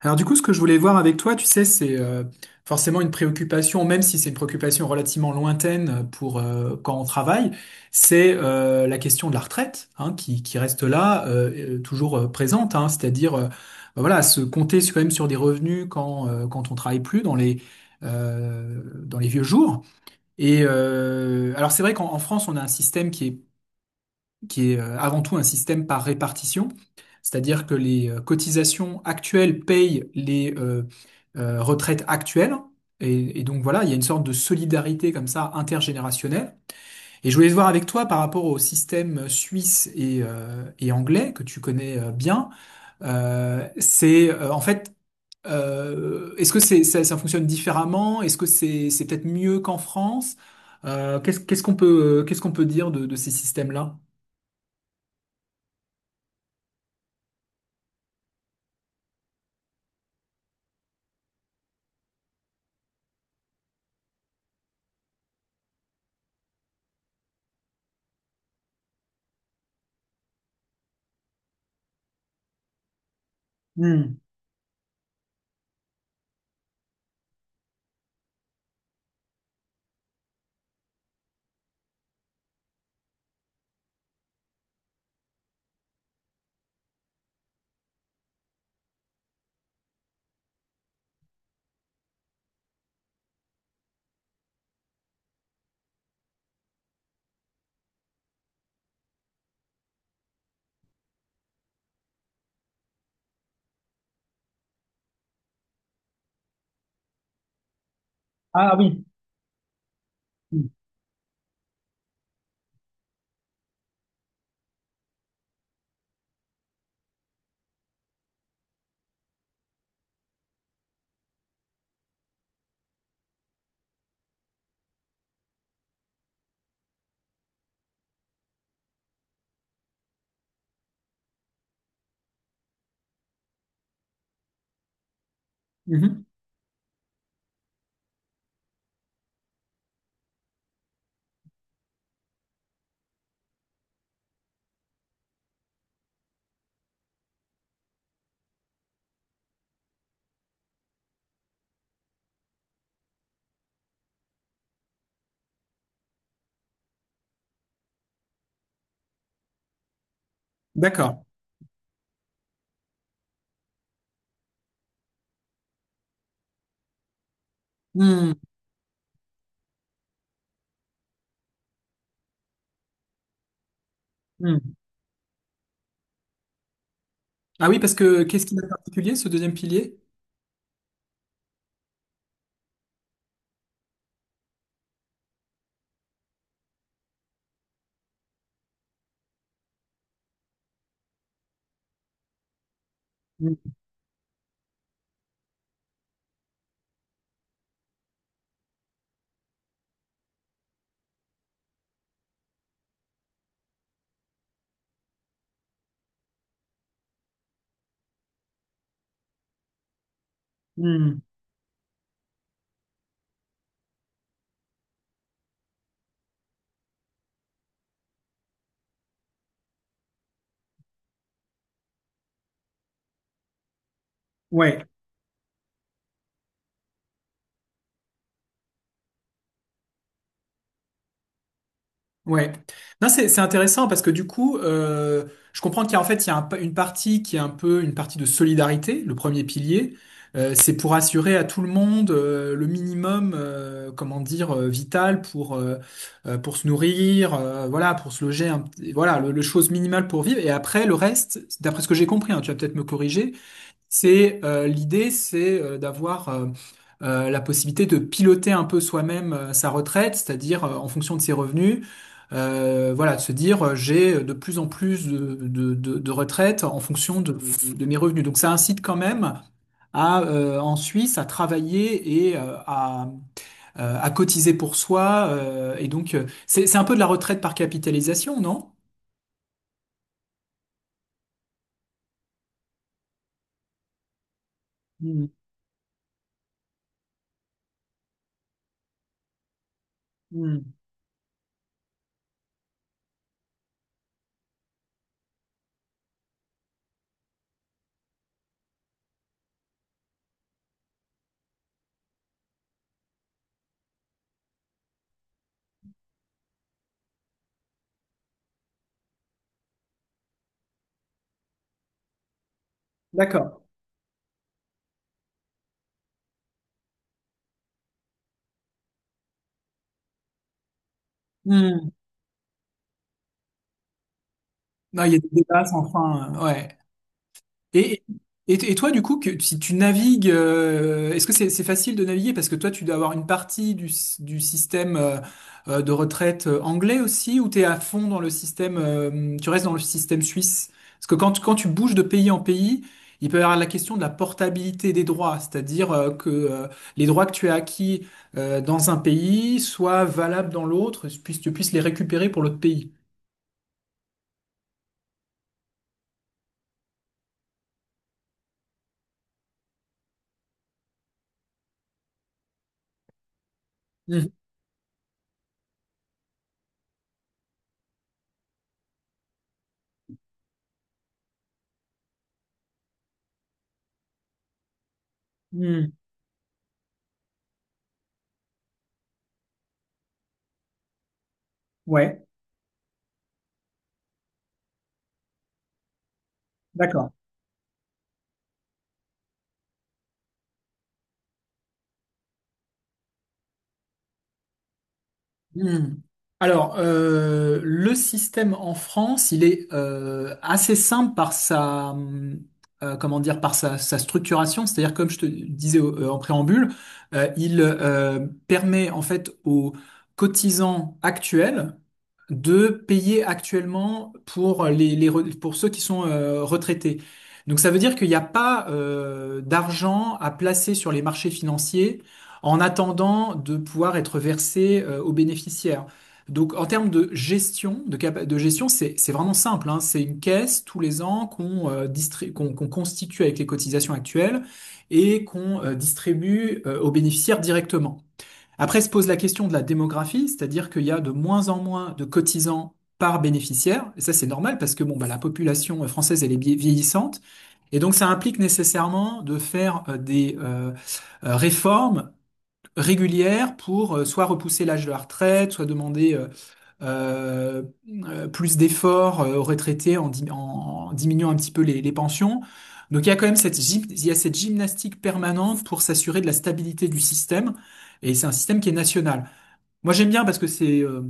Alors du coup, ce que je voulais voir avec toi, tu sais, c'est forcément une préoccupation, même si c'est une préoccupation relativement lointaine pour quand on travaille, c'est la question de la retraite, hein, qui reste là, toujours présente, hein, c'est-à-dire bah voilà, quand même sur des revenus quand on travaille plus dans les vieux jours. Et alors c'est vrai qu'en en France, on a un système qui est avant tout un système par répartition, c'est-à-dire que les cotisations actuelles payent les retraites actuelles. Et donc voilà, il y a une sorte de solidarité comme ça intergénérationnelle. Et je voulais voir avec toi par rapport au système suisse et anglais que tu connais bien. C'est en fait, est-ce que ça fonctionne différemment? Est-ce que c'est peut-être mieux qu'en France? Qu'est-ce qu'est-ce qu'on peut dire de ces systèmes-là? Hmm. Ah oui. Mhm. Mhm. D'accord. Mhm. Mhm. Ah oui, parce que qu'est-ce qu'il a de particulier, ce deuxième pilier? Mhm. Mhm. Ouais, ouais. Non, c'est intéressant parce que du coup, je comprends qu'il y a, en fait, il y a une partie qui est un peu une partie de solidarité, le premier pilier. C'est pour assurer à tout le monde le minimum, comment dire, vital pour se nourrir, voilà, pour se loger, voilà, le chose minimale pour vivre. Et après, le reste, d'après ce que j'ai compris, hein, tu vas peut-être me corriger. C'est L'idée, c'est d'avoir la possibilité de piloter un peu soi-même sa retraite, c'est-à-dire en fonction de ses revenus, voilà, de se dire j'ai de plus en plus de retraites en fonction de mes revenus. Donc ça incite quand même à en Suisse à travailler et à cotiser pour soi. Et donc c'est un peu de la retraite par capitalisation, non? Hmm, hmm. D'accord. Hmm. Non, il y a des débats sans fin. Ouais. Et, et toi, du coup, si tu navigues, est-ce que c'est facile de naviguer? Parce que toi, tu dois avoir une partie du système de retraite anglais aussi, ou tu es à fond dans le système, tu restes dans le système suisse? Parce que quand tu bouges de pays en pays, il peut y avoir la question de la portabilité des droits, c'est-à-dire que les droits que tu as acquis dans un pays soient valables dans l'autre, puis tu puisses les récupérer pour l'autre pays. Mhm. Mhm. Ouais, d'accord. Hmm. Alors, le système en France, il est assez simple comment dire, par sa structuration. C'est-à-dire, comme je te disais en préambule, il permet en fait aux cotisants actuels de payer actuellement pour les re- pour ceux qui sont retraités. Donc ça veut dire qu'il n'y a pas d'argent à placer sur les marchés financiers en attendant de pouvoir être versé aux bénéficiaires. Donc en termes de gestion, c'est vraiment simple, hein. C'est une caisse tous les ans qu'on distri- qu'on qu'on constitue avec les cotisations actuelles et qu'on distribue aux bénéficiaires directement. Après se pose la question de la démographie, c'est-à-dire qu'il y a de moins en moins de cotisants par bénéficiaire. Et ça, c'est normal parce que bon, bah, la population française, elle est vieillissante. Et donc, ça implique nécessairement de faire des réformes régulière pour soit repousser l'âge de la retraite, soit demander euh, plus d'efforts aux retraités en diminuant un petit peu les pensions. Donc il y a quand même cette, gym- il y a cette gymnastique permanente pour s'assurer de la stabilité du système. Et c'est un système qui est national. Moi j'aime bien parce que c'est euh,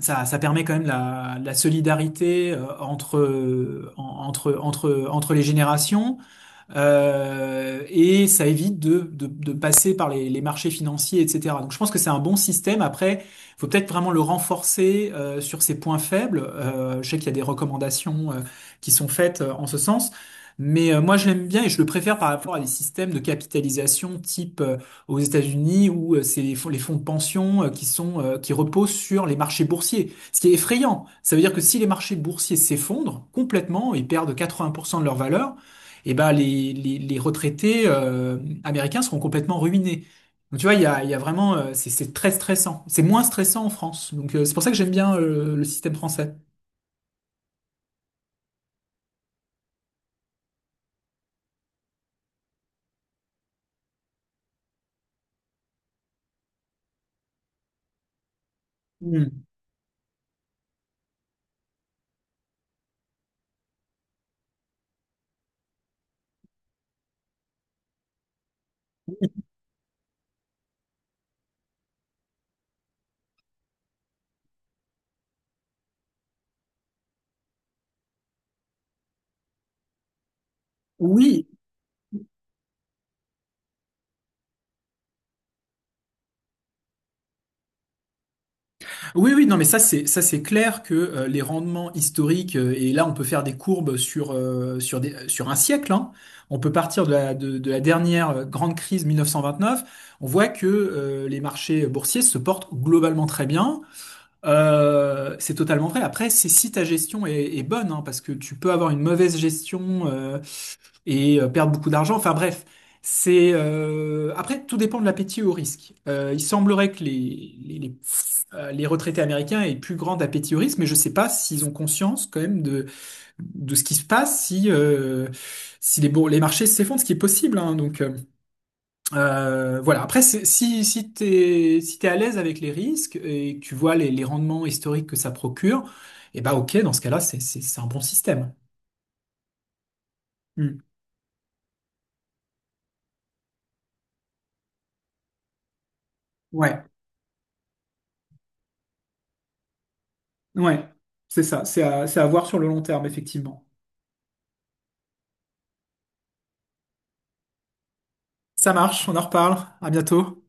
ça, ça permet quand même la solidarité entre, en- entre, entre, entre les générations. Et ça évite de passer par les marchés financiers, etc. Donc je pense que c'est un bon système. Après, faut peut-être vraiment le renforcer sur ses points faibles. Je sais qu'il y a des recommandations qui sont faites en ce sens. Mais moi, je l'aime bien et je le préfère par rapport à des systèmes de capitalisation type aux États-Unis où c'est les fonds, de pension qui sont qui reposent sur les marchés boursiers. Ce qui est effrayant, ça veut dire que si les marchés boursiers s'effondrent complètement, ils perdent 80% de leur valeur, eh ben les retraités américains seront complètement ruinés. Donc tu vois, il y a vraiment, c'est très stressant. C'est moins stressant en France. Donc c'est pour ça que j'aime bien le système français. Hmm. Oui, oui, oui, non, mais ça c'est clair que les rendements historiques et là on peut faire des courbes sur un siècle, hein. On peut partir de la dernière grande crise 1929. On voit que les marchés boursiers se portent globalement très bien. C'est totalement vrai. Après, c'est si ta gestion est bonne, hein, parce que tu peux avoir une mauvaise gestion et perdre beaucoup d'argent. Enfin bref, c'est après tout dépend de l'appétit au risque. Il semblerait que les retraités américains aient plus grand appétit au risque, mais je sais pas s'ils ont conscience quand même de ce qui se passe si si les marchés s'effondrent, ce qui est possible. Hein. Donc voilà. Après, si t'es à l'aise avec les risques et que tu vois les rendements historiques que ça procure, eh ben, ok, dans ce cas-là, c'est un bon système. Hmm. Ouais, ouais. C'est ça. C'est à voir sur le long terme, effectivement. Ça marche. On en reparle. À bientôt.